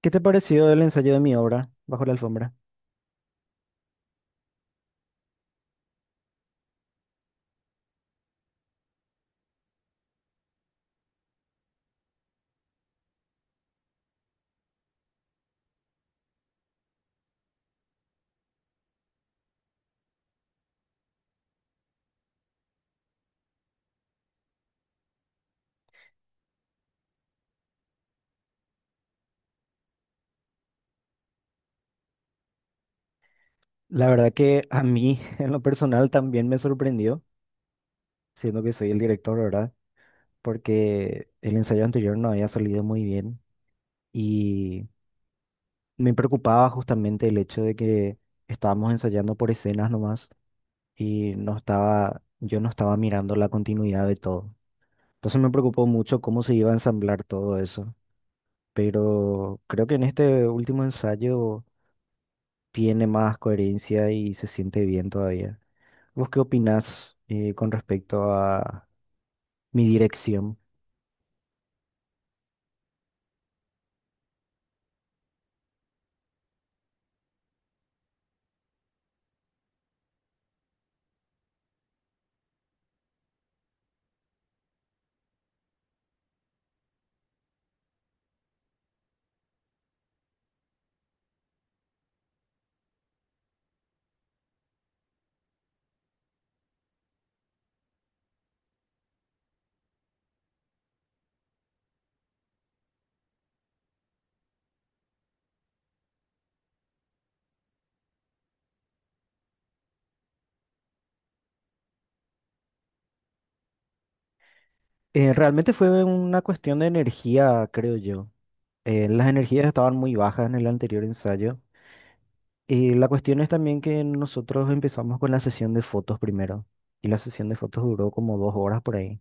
¿Qué te pareció el ensayo de mi obra, Bajo la alfombra? La verdad que a mí, en lo personal, también me sorprendió, siendo que soy el director, ¿verdad? Porque el ensayo anterior no había salido muy bien y me preocupaba justamente el hecho de que estábamos ensayando por escenas nomás y yo no estaba mirando la continuidad de todo. Entonces me preocupó mucho cómo se iba a ensamblar todo eso, pero creo que en este último ensayo tiene más coherencia y se siente bien todavía. ¿Vos qué opinás con respecto a mi dirección? Realmente fue una cuestión de energía, creo yo. Las energías estaban muy bajas en el anterior ensayo. Y la cuestión es también que nosotros empezamos con la sesión de fotos primero. Y la sesión de fotos duró como dos horas por ahí.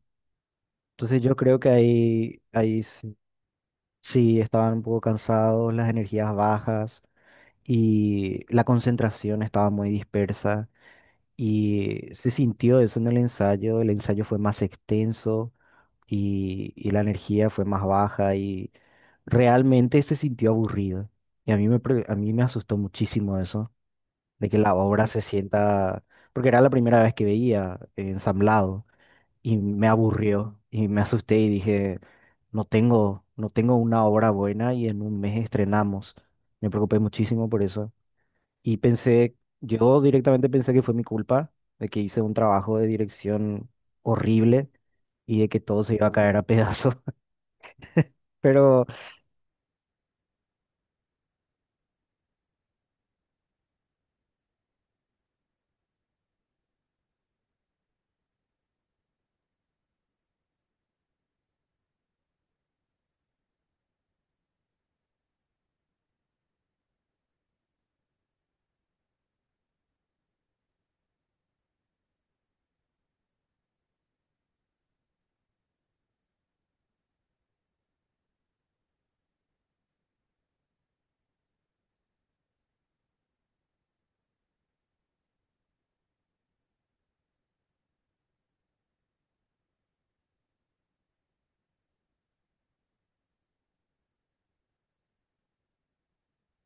Entonces yo creo que ahí sí, sí estaban un poco cansados, las energías bajas y la concentración estaba muy dispersa. Y se sintió eso en el ensayo fue más extenso y la energía fue más baja y realmente se sintió aburrido. Y a mí me asustó muchísimo eso, de que la obra se sienta, porque era la primera vez que veía ensamblado y me aburrió y me asusté y dije, no tengo una obra buena y en un mes estrenamos. Me preocupé muchísimo por eso. Y pensé, yo directamente pensé que fue mi culpa de que hice un trabajo de dirección horrible y de que todo se iba a caer a pedazos. Pero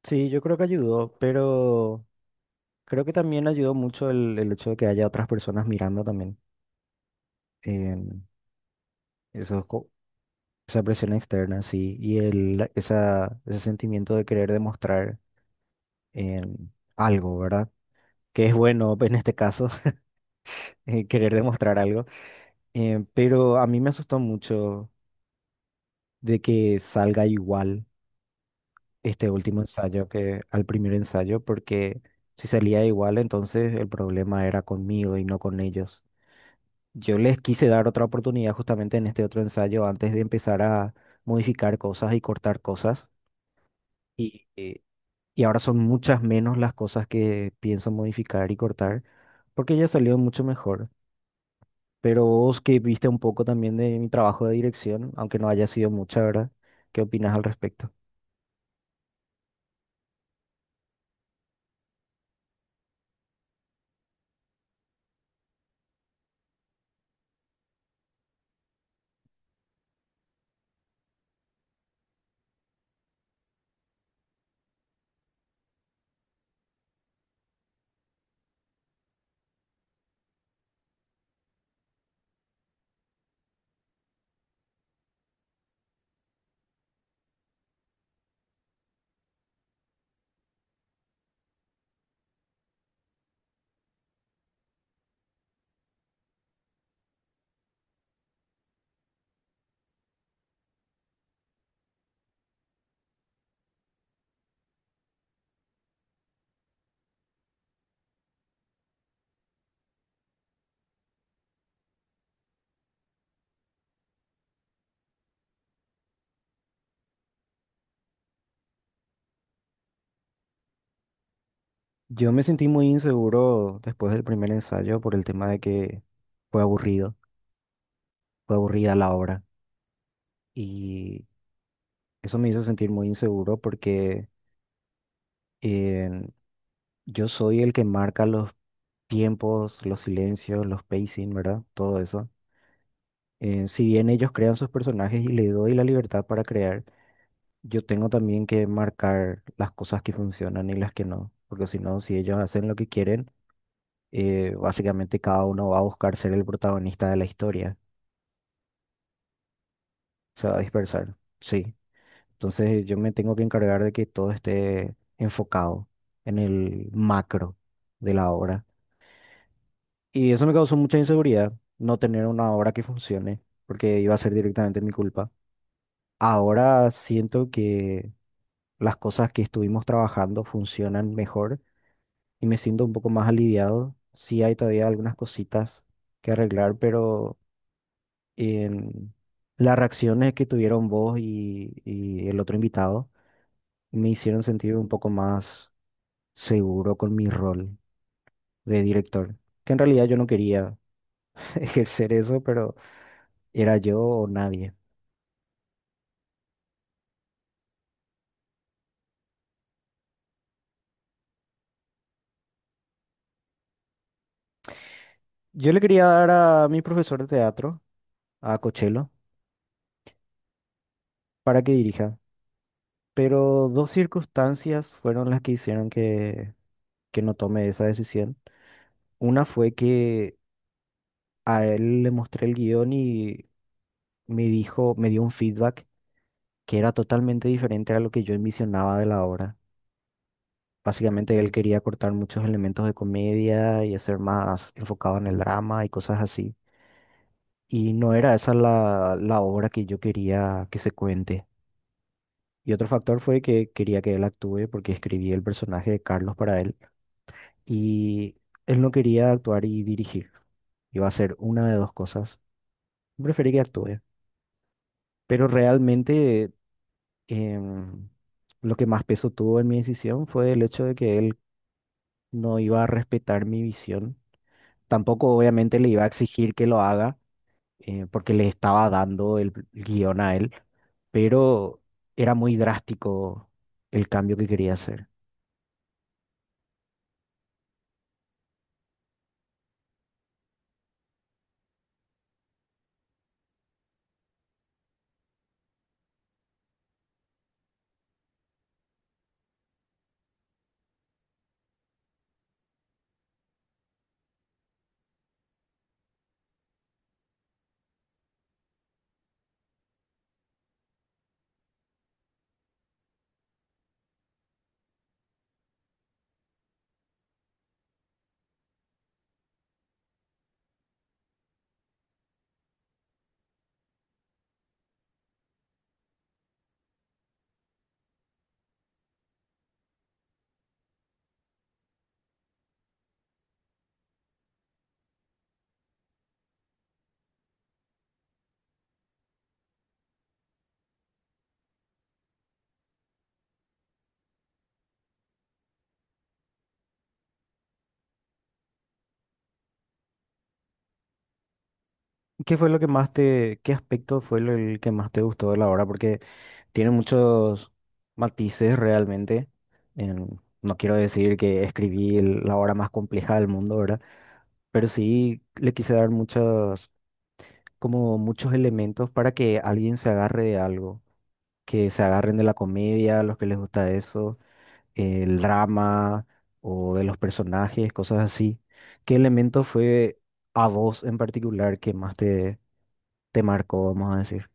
sí, yo creo que ayudó, pero creo que también ayudó mucho el hecho de que haya otras personas mirando también. em, Eso, esa presión externa, sí, y ese sentimiento de querer demostrar em, algo, ¿verdad? Que es bueno en este caso, querer demostrar algo. Pero a mí me asustó mucho de que salga igual este último ensayo que al primer ensayo, porque si salía igual, entonces el problema era conmigo y no con ellos. Yo les quise dar otra oportunidad justamente en este otro ensayo antes de empezar a modificar cosas y cortar cosas. Y, eh, y ahora son muchas menos las cosas que pienso modificar y cortar, porque ya salió mucho mejor. Pero vos que viste un poco también de mi trabajo de dirección, aunque no haya sido mucha, ¿verdad? ¿Qué opinas al respecto? Yo me sentí muy inseguro después del primer ensayo por el tema de que fue aburrido, fue aburrida la obra y eso me hizo sentir muy inseguro porque eh, yo soy el que marca los tiempos, los silencios, los pacing, ¿verdad? Todo eso. Si bien ellos crean sus personajes y le doy la libertad para crear, yo tengo también que marcar las cosas que funcionan y las que no, porque si no, si ellos hacen lo que quieren, básicamente cada uno va a buscar ser el protagonista de la historia. Se va a dispersar, sí. Entonces yo me tengo que encargar de que todo esté enfocado en el macro de la obra. Y eso me causó mucha inseguridad, no tener una obra que funcione, porque iba a ser directamente mi culpa. Ahora siento que las cosas que estuvimos trabajando funcionan mejor y me siento un poco más aliviado. Sí hay todavía algunas cositas que arreglar, pero en las reacciones que tuvieron vos y el otro invitado. Me hicieron sentir un poco más seguro con mi rol de director, que en realidad yo no quería ejercer eso, pero era yo o nadie. Yo le quería dar a mi profesor de teatro, a Cochelo, para que dirija, pero dos circunstancias fueron las que hicieron que no tome esa decisión. Una fue que a él le mostré el guión y me dijo, me dio un feedback que era totalmente diferente a lo que yo envisionaba de la obra. Básicamente él quería cortar muchos elementos de comedia y hacer más enfocado en el drama y cosas así. Y no era esa la obra que yo quería que se cuente. Y otro factor fue que quería que él actúe porque escribí el personaje de Carlos para él. Y él no quería actuar y dirigir. Iba a ser una de dos cosas. Preferí que actúe. Pero realmente em, lo que más peso tuvo en mi decisión fue el hecho de que él no iba a respetar mi visión. Tampoco obviamente le iba a exigir que lo haga, porque le estaba dando el guión a él, pero era muy drástico el cambio que quería hacer. ¿Qué fue lo que más te, qué aspecto fue el que más te gustó de la obra? Porque tiene muchos matices realmente. En- no quiero decir que escribí la obra más compleja del mundo, ¿verdad? Pero sí le quise dar muchos, como muchos elementos para que alguien se agarre de algo. Que se agarren de la comedia, los que les gusta eso, el drama o de los personajes, cosas así. ¿Qué elemento fue a vos en particular que más te marcó, vamos a decir?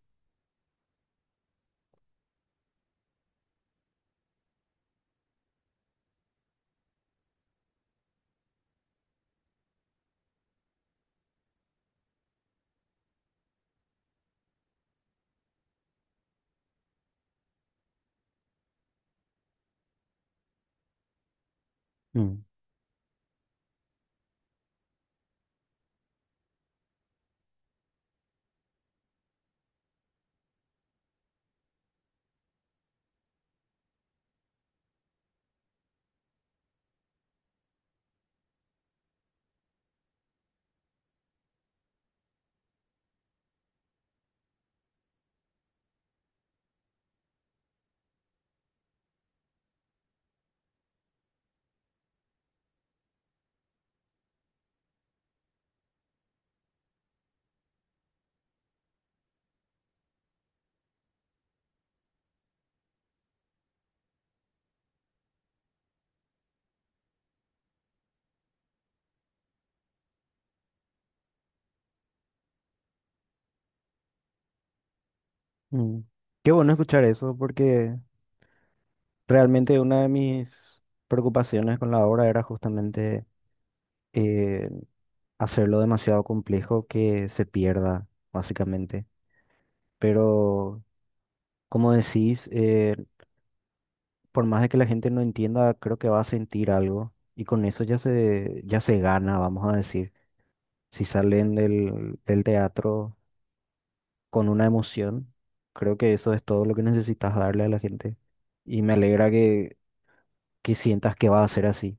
Mm, mm. Qué bueno escuchar eso porque realmente una de mis preocupaciones con la obra era justamente eh, hacerlo demasiado complejo que se pierda, básicamente. Pero, como decís, por más de que la gente no entienda, creo que va a sentir algo y con eso ya se gana, vamos a decir. Si salen del teatro con una emoción, creo que eso es todo lo que necesitas darle a la gente y me alegra que sientas que va a ser así.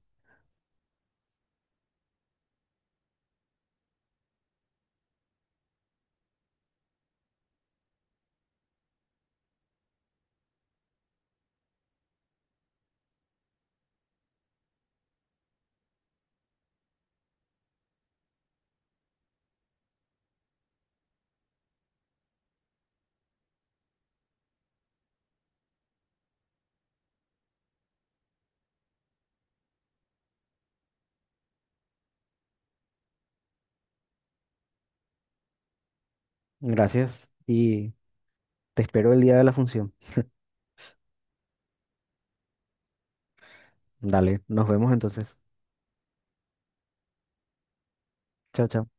Gracias y te espero el día de la función. Dale, nos vemos entonces. Chao, chao.